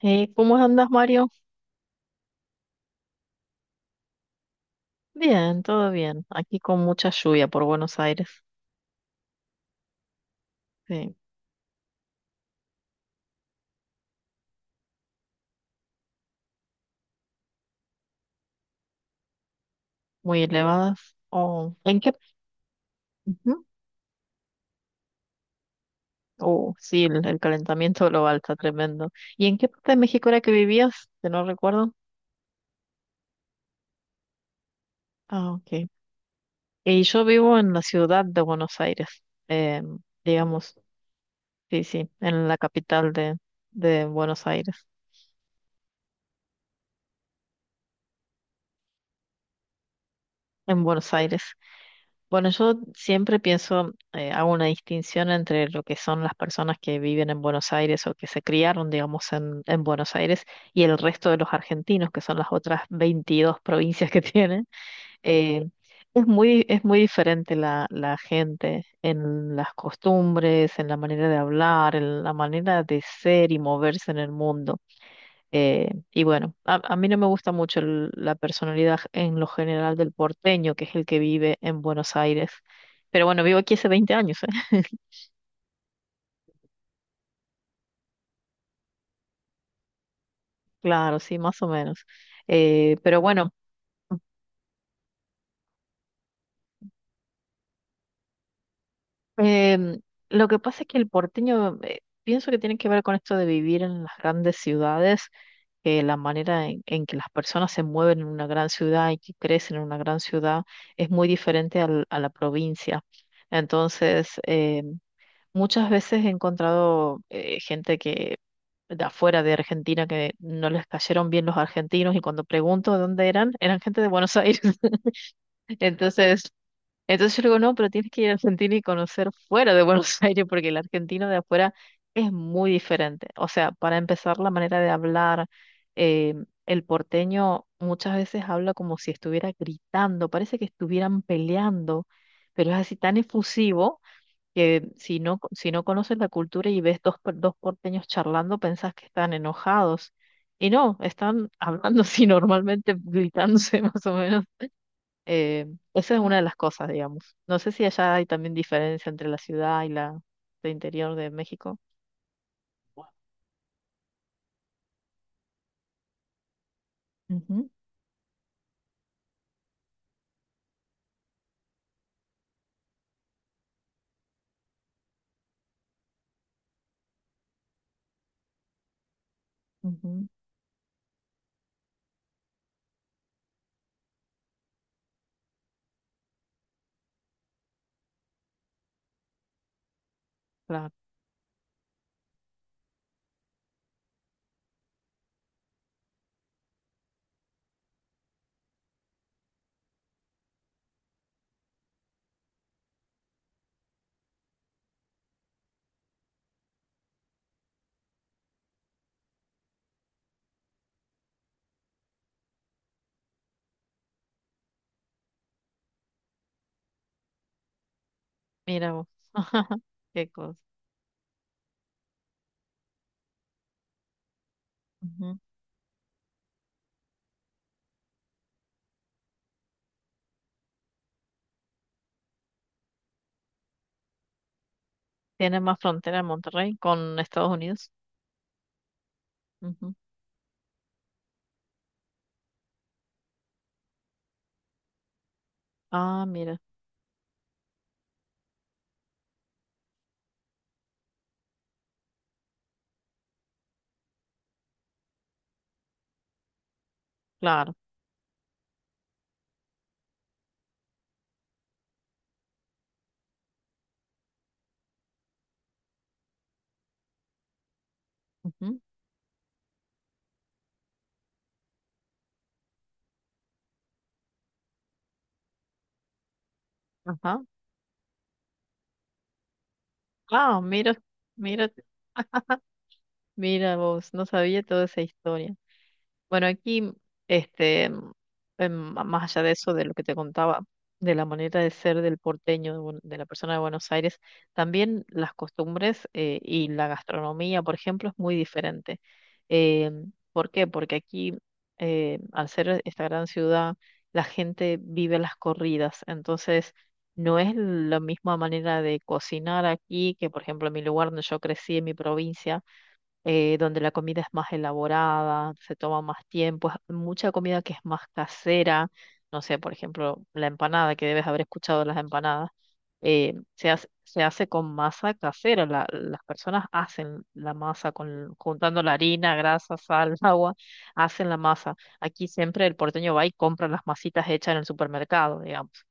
Hey, ¿cómo andas, Mario? Bien, todo bien. Aquí con mucha lluvia por Buenos Aires. Sí, muy elevadas. Oh, ¿en qué? Ujú. Oh, sí, el calentamiento global está tremendo. ¿Y en qué parte de México era que vivías? Que no recuerdo. Ah, ok. Y yo vivo en la ciudad de Buenos Aires. eh, digamos, sí, sí, en la capital de Buenos Aires. En Buenos Aires. Bueno, yo siempre pienso, hago una distinción entre lo que son las personas que viven en Buenos Aires o que se criaron, digamos, en Buenos Aires y el resto de los argentinos, que son las otras 22 provincias que tienen. Eh, es muy diferente la gente en las costumbres, en la manera de hablar, en la manera de ser y moverse en el mundo. Y bueno, a mí no me gusta mucho la personalidad en lo general del porteño, que es el que vive en Buenos Aires. Pero bueno, vivo aquí hace 20 años, ¿eh? Claro, sí, más o menos. Pero bueno, em, lo que pasa es que el porteño, pienso que tiene que ver con esto de vivir en las grandes ciudades, que la manera en que las personas se mueven en una gran ciudad y que crecen en una gran ciudad es muy diferente a la provincia. Entonces, muchas veces he encontrado gente que de afuera de Argentina que no les cayeron bien los argentinos, y cuando pregunto de dónde eran, eran gente de Buenos Aires. Entonces, entonces yo le digo, no, pero tienes que ir a Argentina y conocer fuera de Buenos Aires porque el argentino de afuera es muy diferente. O sea, para empezar, la manera de hablar, eh, el porteño muchas veces habla como si estuviera gritando, parece que estuvieran peleando, pero es así tan efusivo que si no, si no conoces la cultura y ves dos porteños charlando, pensás que están enojados. Y no, están hablando así normalmente, gritándose más o menos. Eh, Esa es una de las cosas, digamos. No sé si allá hay también diferencia entre la ciudad y la el interior de México. Ujú, ujú, claro, mira vos. Qué cosa. Ujú. Tiene más frontera Monterrey con Estados Unidos. Ujú. Ah, mira, claro. Ujú, ajá. Ah, mira, mira, mira vos, no sabía toda esa historia. Bueno, aquí, este, más allá de eso, de lo que te contaba, de la manera de ser del porteño, de, de la persona de Buenos Aires, también las costumbres y la gastronomía, por ejemplo, es muy diferente. Em, ¿por qué? Porque aquí, al ser esta gran ciudad, la gente vive las corridas, entonces no es la misma manera de cocinar aquí que, por ejemplo, en mi lugar donde yo crecí, en mi provincia, donde la comida es más elaborada, se toma más tiempo, es mucha comida que es más casera, no sé, por ejemplo, la empanada, que debes haber escuchado las empanadas, se hace con masa casera, las personas hacen la masa con, juntando la harina, grasa, sal, agua, hacen la masa. Aquí siempre el porteño va y compra las masitas hechas en el supermercado, digamos.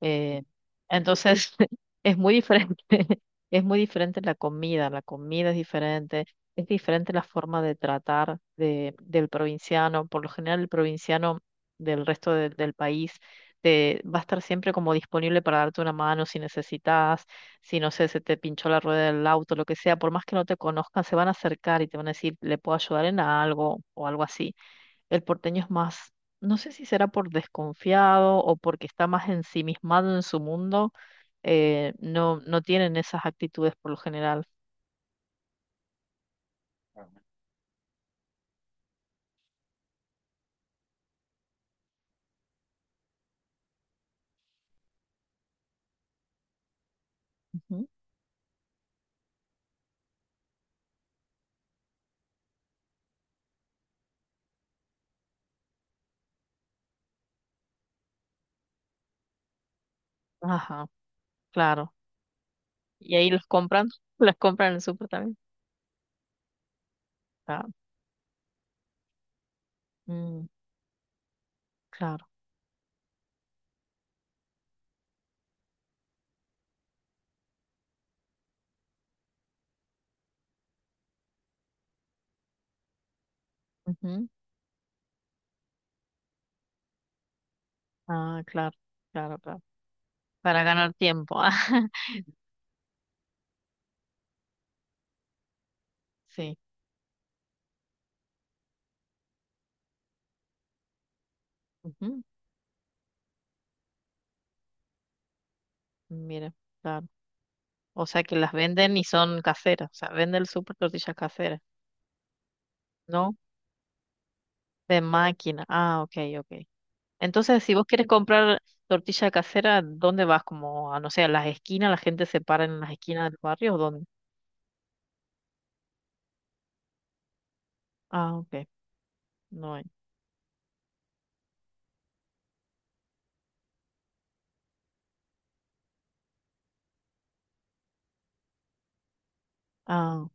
Eh, entonces, es muy diferente, es muy diferente la comida es diferente la forma de tratar del provinciano. Por lo general, el provinciano del del país te, va a estar siempre como disponible para darte una mano si necesitas, si no sé, se te pinchó la rueda del auto, lo que sea, por más que no te conozcan, se van a acercar y te van a decir, ¿le puedo ayudar en algo? O algo así. El porteño es más, no sé si será por desconfiado o porque está más ensimismado en su mundo, no tienen esas actitudes por lo general. Ujú. Ajá, claro. Y ahí los compran, las compran en el súper también. Ah, mm, claro. Ujú. Ah, claro, claro, claro. Para ganar tiempo. Sí. Ujú. Mira, claro. O sea que las venden y son caseras. O sea, vende el súper tortillas caseras, ¿no? De máquina. Ah, ok, ok. Entonces, si vos quieres comprar tortilla casera, ¿dónde vas? Como, a, no sé, a las esquinas, la gente se para en las esquinas del barrio, ¿o dónde? Ah, ok, no hay. Ah,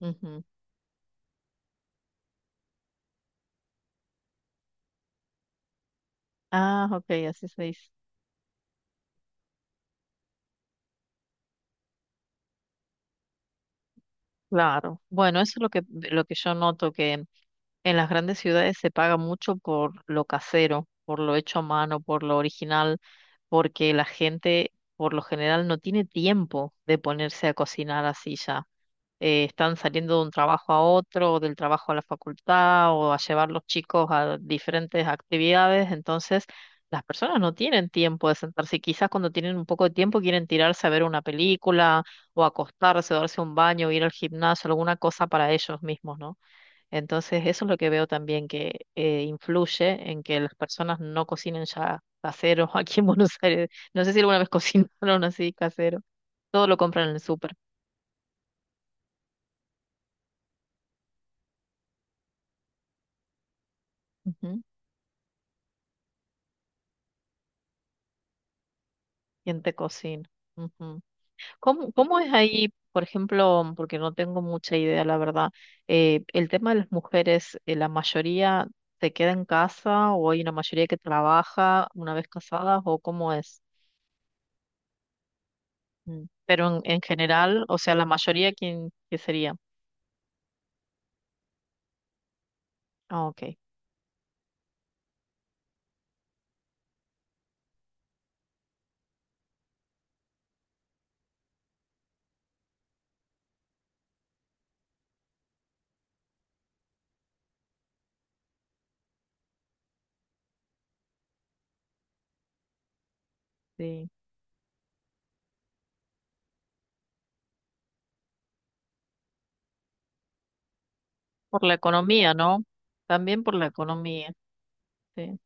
ujú. Ah, ok, así se dice. Claro. Bueno, eso es lo que yo noto, que en las grandes ciudades se paga mucho por lo casero, por lo hecho a mano, por lo original, porque la gente por lo general no tiene tiempo de ponerse a cocinar así ya. Están saliendo de un trabajo a otro, o del trabajo a la facultad, o a llevar los chicos a diferentes actividades, entonces las personas no tienen tiempo de sentarse y quizás cuando tienen un poco de tiempo quieren tirarse a ver una película o acostarse, o darse un baño, o ir al gimnasio, alguna cosa para ellos mismos, ¿no? Entonces eso es lo que veo también que influye en que las personas no cocinen ya caseros aquí en Buenos Aires. No sé si alguna vez cocinaron así casero. Todo lo compran en el súper. Ujú. ¿Quién te cocina? Ujú. ¿Cómo, cómo es ahí, por ejemplo, porque no tengo mucha idea, la verdad, el tema de las mujeres, la mayoría se queda en casa o hay una mayoría que trabaja una vez casadas o cómo es? Mm. Pero en general, o sea, la mayoría, ¿quién, qué sería? Ah, ok, sí. Por la economía, ¿no? También por la economía, sí.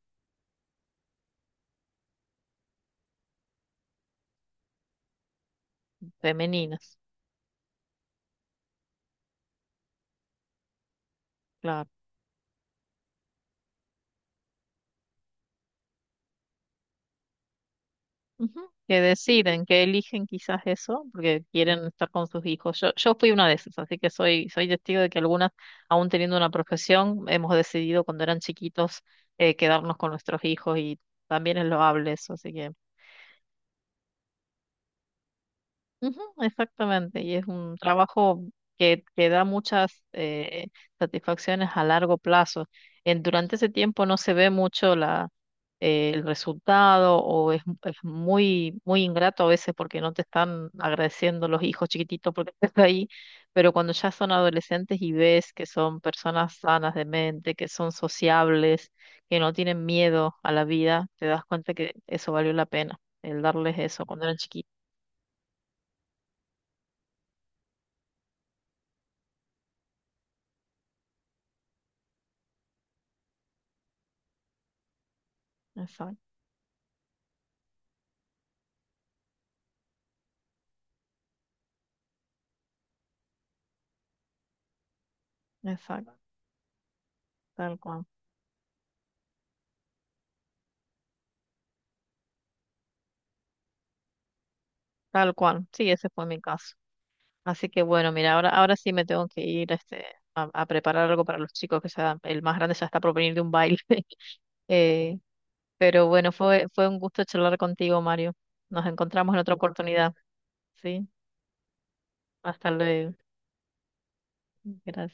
Femeninas, claro. Ujú. Que deciden, que eligen quizás eso, porque quieren estar con sus hijos. Yo fui una de esas, así que soy, soy testigo de que algunas, aún teniendo una profesión, hemos decidido cuando eran chiquitos quedarnos con nuestros hijos y también es loable eso, así que ujú, exactamente, y es un trabajo que da muchas satisfacciones a largo plazo. Durante ese tiempo no se ve mucho el resultado, o es muy, muy ingrato a veces porque no te están agradeciendo los hijos chiquititos porque estás ahí, pero cuando ya son adolescentes y ves que son personas sanas de mente, que son sociables, que no tienen miedo a la vida, te das cuenta que eso valió la pena, el darles eso cuando eran chiquitos. Exacto. Exacto, tal cual, tal cual. Sí, ese fue mi caso. Así que bueno, mira, ahora, ahora sí me tengo que ir, este, a preparar algo para los chicos, que ya el más grande ya está por venir de un baile. Eh, pero bueno, fue un gusto charlar contigo, Mario. Nos encontramos en otra oportunidad. Sí, hasta luego. Gracias.